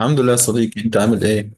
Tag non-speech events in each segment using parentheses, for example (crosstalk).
الحمد لله يا صديقي، انت عامل ايه؟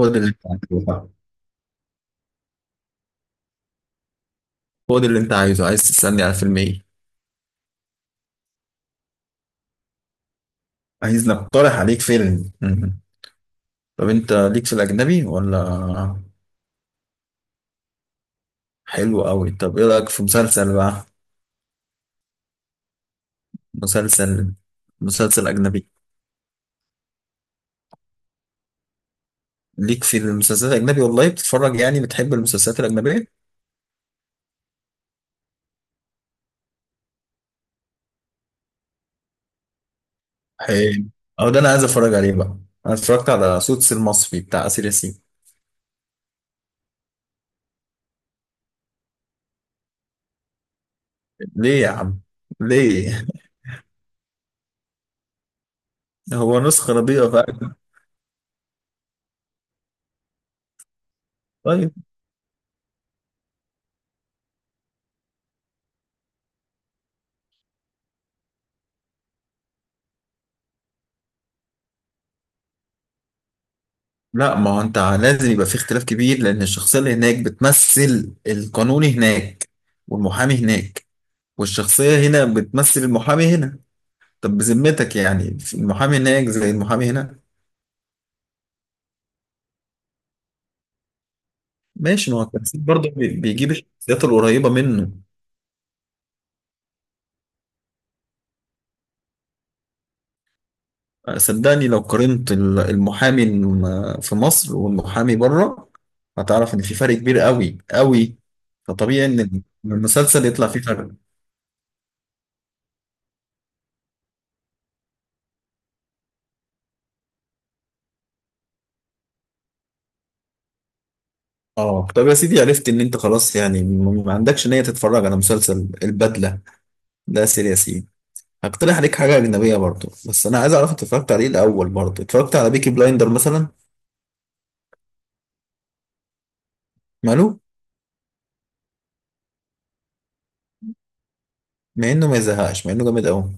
هو ده اللي انت عايزه؟ هو ده اللي انت عايزه، عايز تسألني على فيلم ايه؟ عايز نقترح عليك فيلم. طب انت ليك في الأجنبي ولا؟ حلو قوي. طب ايه رأيك في مسلسل بقى؟ مسلسل مسلسل أجنبي. ليك في المسلسلات الأجنبي والله؟ بتتفرج يعني، بتحب المسلسلات الأجنبية؟ حلو، أو ده أنا عايز أتفرج عليه بقى. أنا اتفرجت على سوتس المصري بتاع آسر ياسين. ليه يا عم؟ ليه؟ (laughs) هو نسخة رديئة بقى؟ طيب. لا، ما هو انت لازم يبقى في اختلاف كبير، لان الشخصيه اللي هناك بتمثل القانون هناك، والمحامي هناك، والشخصيه هنا بتمثل المحامي هنا. طب بذمتك، يعني المحامي هناك زي المحامي هنا؟ ماشي، ما هو التمثيل برضه بيجيب الشخصيات القريبه منه. صدقني لو قارنت المحامي في مصر والمحامي بره، هتعرف ان في فرق كبير قوي قوي، فطبيعي ان المسلسل يطلع فيه فرق. اه، طب يا سيدي، عرفت ان انت خلاص يعني ما عندكش نية تتفرج على مسلسل البدلة. ده سيرياسي. هقترح عليك حاجة أجنبية برضه، بس أنا عايز أعرف أنت اتفرجت عليه الأول برضه، اتفرجت على بيكي بلايندر مثلا؟ ماله؟ مع إنه ما يزهقش، مع إنه جامد أوي.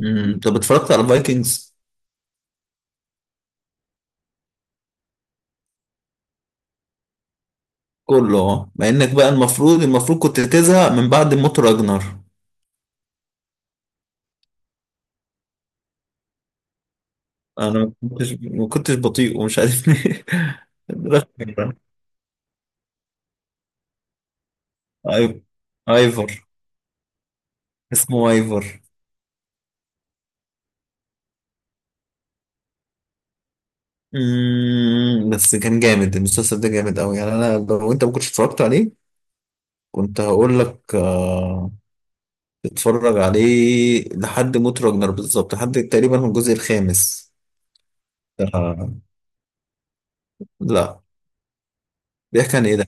طب اتفرجت على الفايكنجز؟ كله، اه. مع إنك بقى المفروض، المفروض كنت تزهق من بعد موت راجنر. أنا ما كنتش، ما كنتش بطيء ومش عارف ليه. (laughs) ايفر. ايفر. اسمه ايفر. بس كان جامد المسلسل ده، جامد قوي يعني. انا لو انت ما كنتش اتفرجت عليه، كنت هقول لك آه، اتفرج عليه لحد موت راجنر بالظبط، لحد تقريبا من الجزء الخامس. آه، لا. بيحكي عن ايه ده؟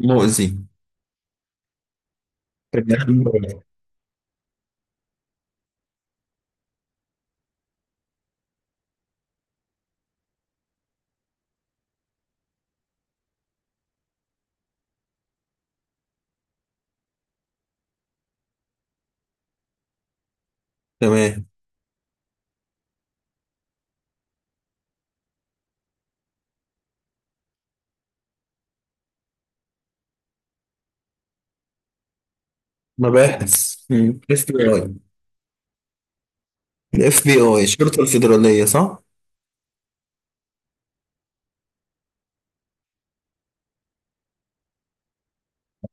مؤذي. تمام. مباحث. اف بي اي. الاف بي اي، الشرطة الفيدرالية، صح؟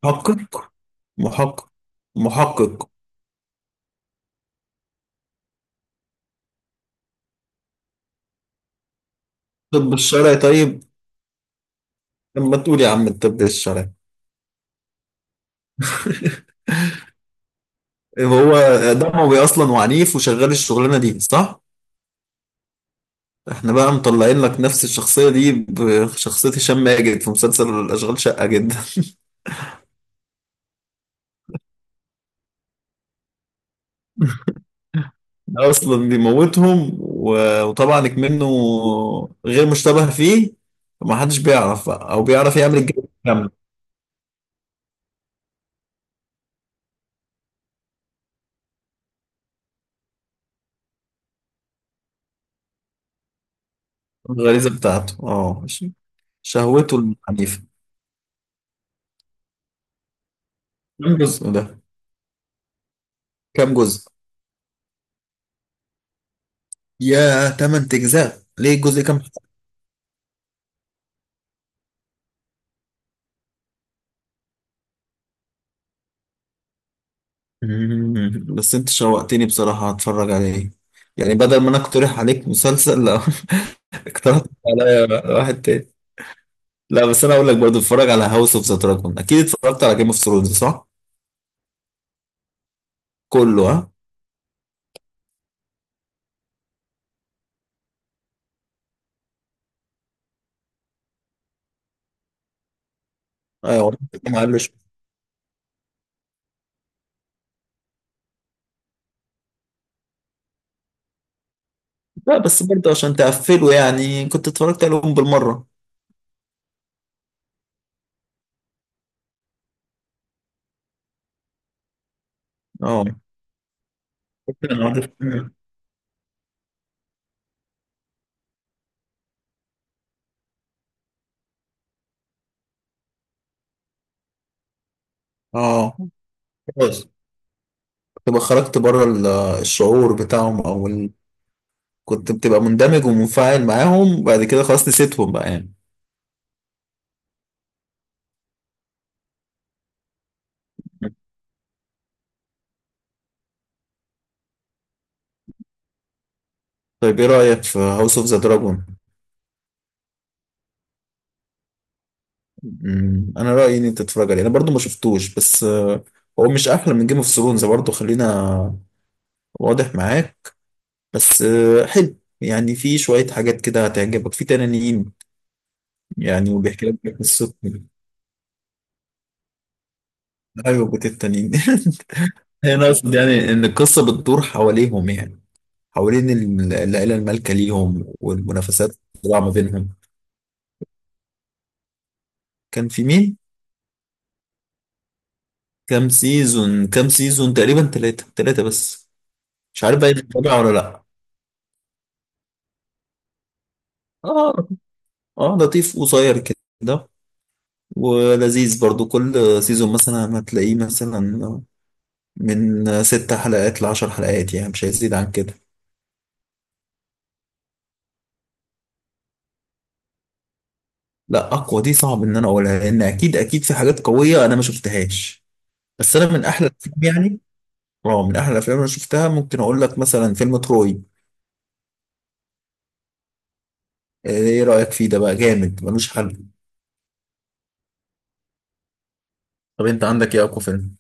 محقق. محقق. محقق. طب الشرعي طيب. لما تقول يا عم الطب الشرعي. هو دموي اصلا وعنيف، وشغال الشغلانه دي، صح؟ احنا بقى مطلعين لك نفس الشخصيه دي بشخصيه هشام ماجد في مسلسل اشغال شقه جدا. (laughs) ده اصلا بيموتهم وطبعا منه، غير مشتبه فيه، ما حدش بيعرف بقى، او بيعرف يعمل الجو كامله. الغريزه بتاعته، اه ماشي. شهوته العنيفه. كم جزء ده؟ كم جزء؟ يا تمن اجزاء، ليه الجزء كام؟ مم. بس انت شوقتني بصراحة، هتفرج عليه يعني بدل ما انا اقترح عليك مسلسل، لا. (laughs) اقترحت عليا واحد تاني. لا بس انا اقول لك برضو، اتفرج على هاوس اوف ذا دراجون. اكيد اتفرجت على جيم اوف ثرونز، صح؟ كله، ها؟ ايوه. ما قالوش. لا بس برضو عشان تقفله يعني، كنت اتفرجت عليهم بالمرة. اه، أنا عارف. اه خلاص. تبقى خرجت بره الشعور بتاعهم او ال... كنت بتبقى مندمج ومنفعل معاهم، بعد كده خلاص نسيتهم بقى يعني. طيب ايه رأيك في هاوس اوف ذا دراجون؟ انا رأيي ان انت تتفرج عليه، انا برضو ما شفتوش بس آه، هو مش احلى من جيم اوف ثرونز برضو، خلينا واضح معاك. بس آه، حلو يعني، في شوية حاجات كده هتعجبك، في تنانين يعني، وبيحكي لك قصة. ايوه، بيت التنانين. (laughs) انا اقصد يعني ان القصة بتدور حواليهم يعني، حوالين العيلة المالكة ليهم والمنافسات اللي ما بينهم. كان في مين؟ كام سيزون؟ كام سيزون تقريبا؟ ثلاثة، ثلاثة بس. مش عارف بقى تتابع ولا لا. اه. اه، لطيف وصغير كده، ولذيذ برضو. كل سيزون مثلا هتلاقيه مثلا من 6 حلقات لـ 10 حلقات، يعني مش هيزيد عن كده. لا، اقوى دي صعب ان انا اقولها، لان اكيد اكيد في حاجات قويه انا ما شفتهاش، بس انا من احلى الافلام يعني. اه، من احلى الافلام اللي انا شفتها، ممكن اقول لك مثلا فيلم تروي. آه، ايه رايك فيه؟ ده بقى جامد ملوش حل. طب انت عندك ايه اقوى فيلم؟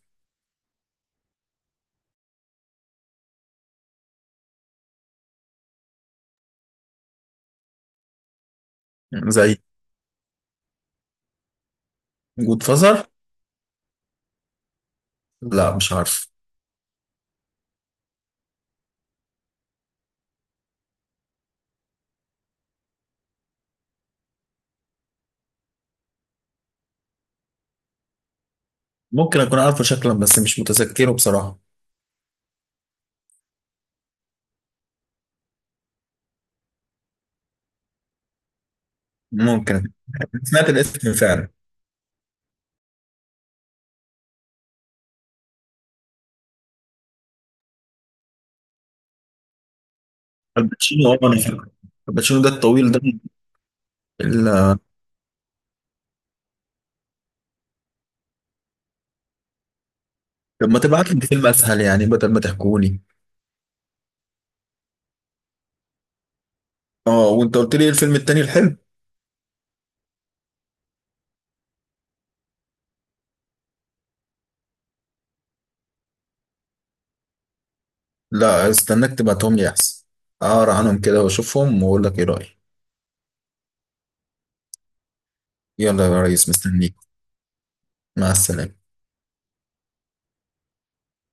يعني زي جود فازر؟ لا مش عارف. ممكن اكون عارفه شكلا بس مش متذكره بصراحه. ممكن. سمعت الاسم فعلا. الباتشينو، اه انا فاكره. الباتشينو ده الطويل ده. ال-. طب ما تبعت لي فيلم اسهل، يعني بدل ما تحكوني. اه، وانت قلت لي إيه الفيلم التاني الحلو؟ لا استناك تبعتهم لي احسن، اقرا عنهم كده واشوفهم واقول لك ايه رايي. يلا يا ريس مستنيك. مع السلامه.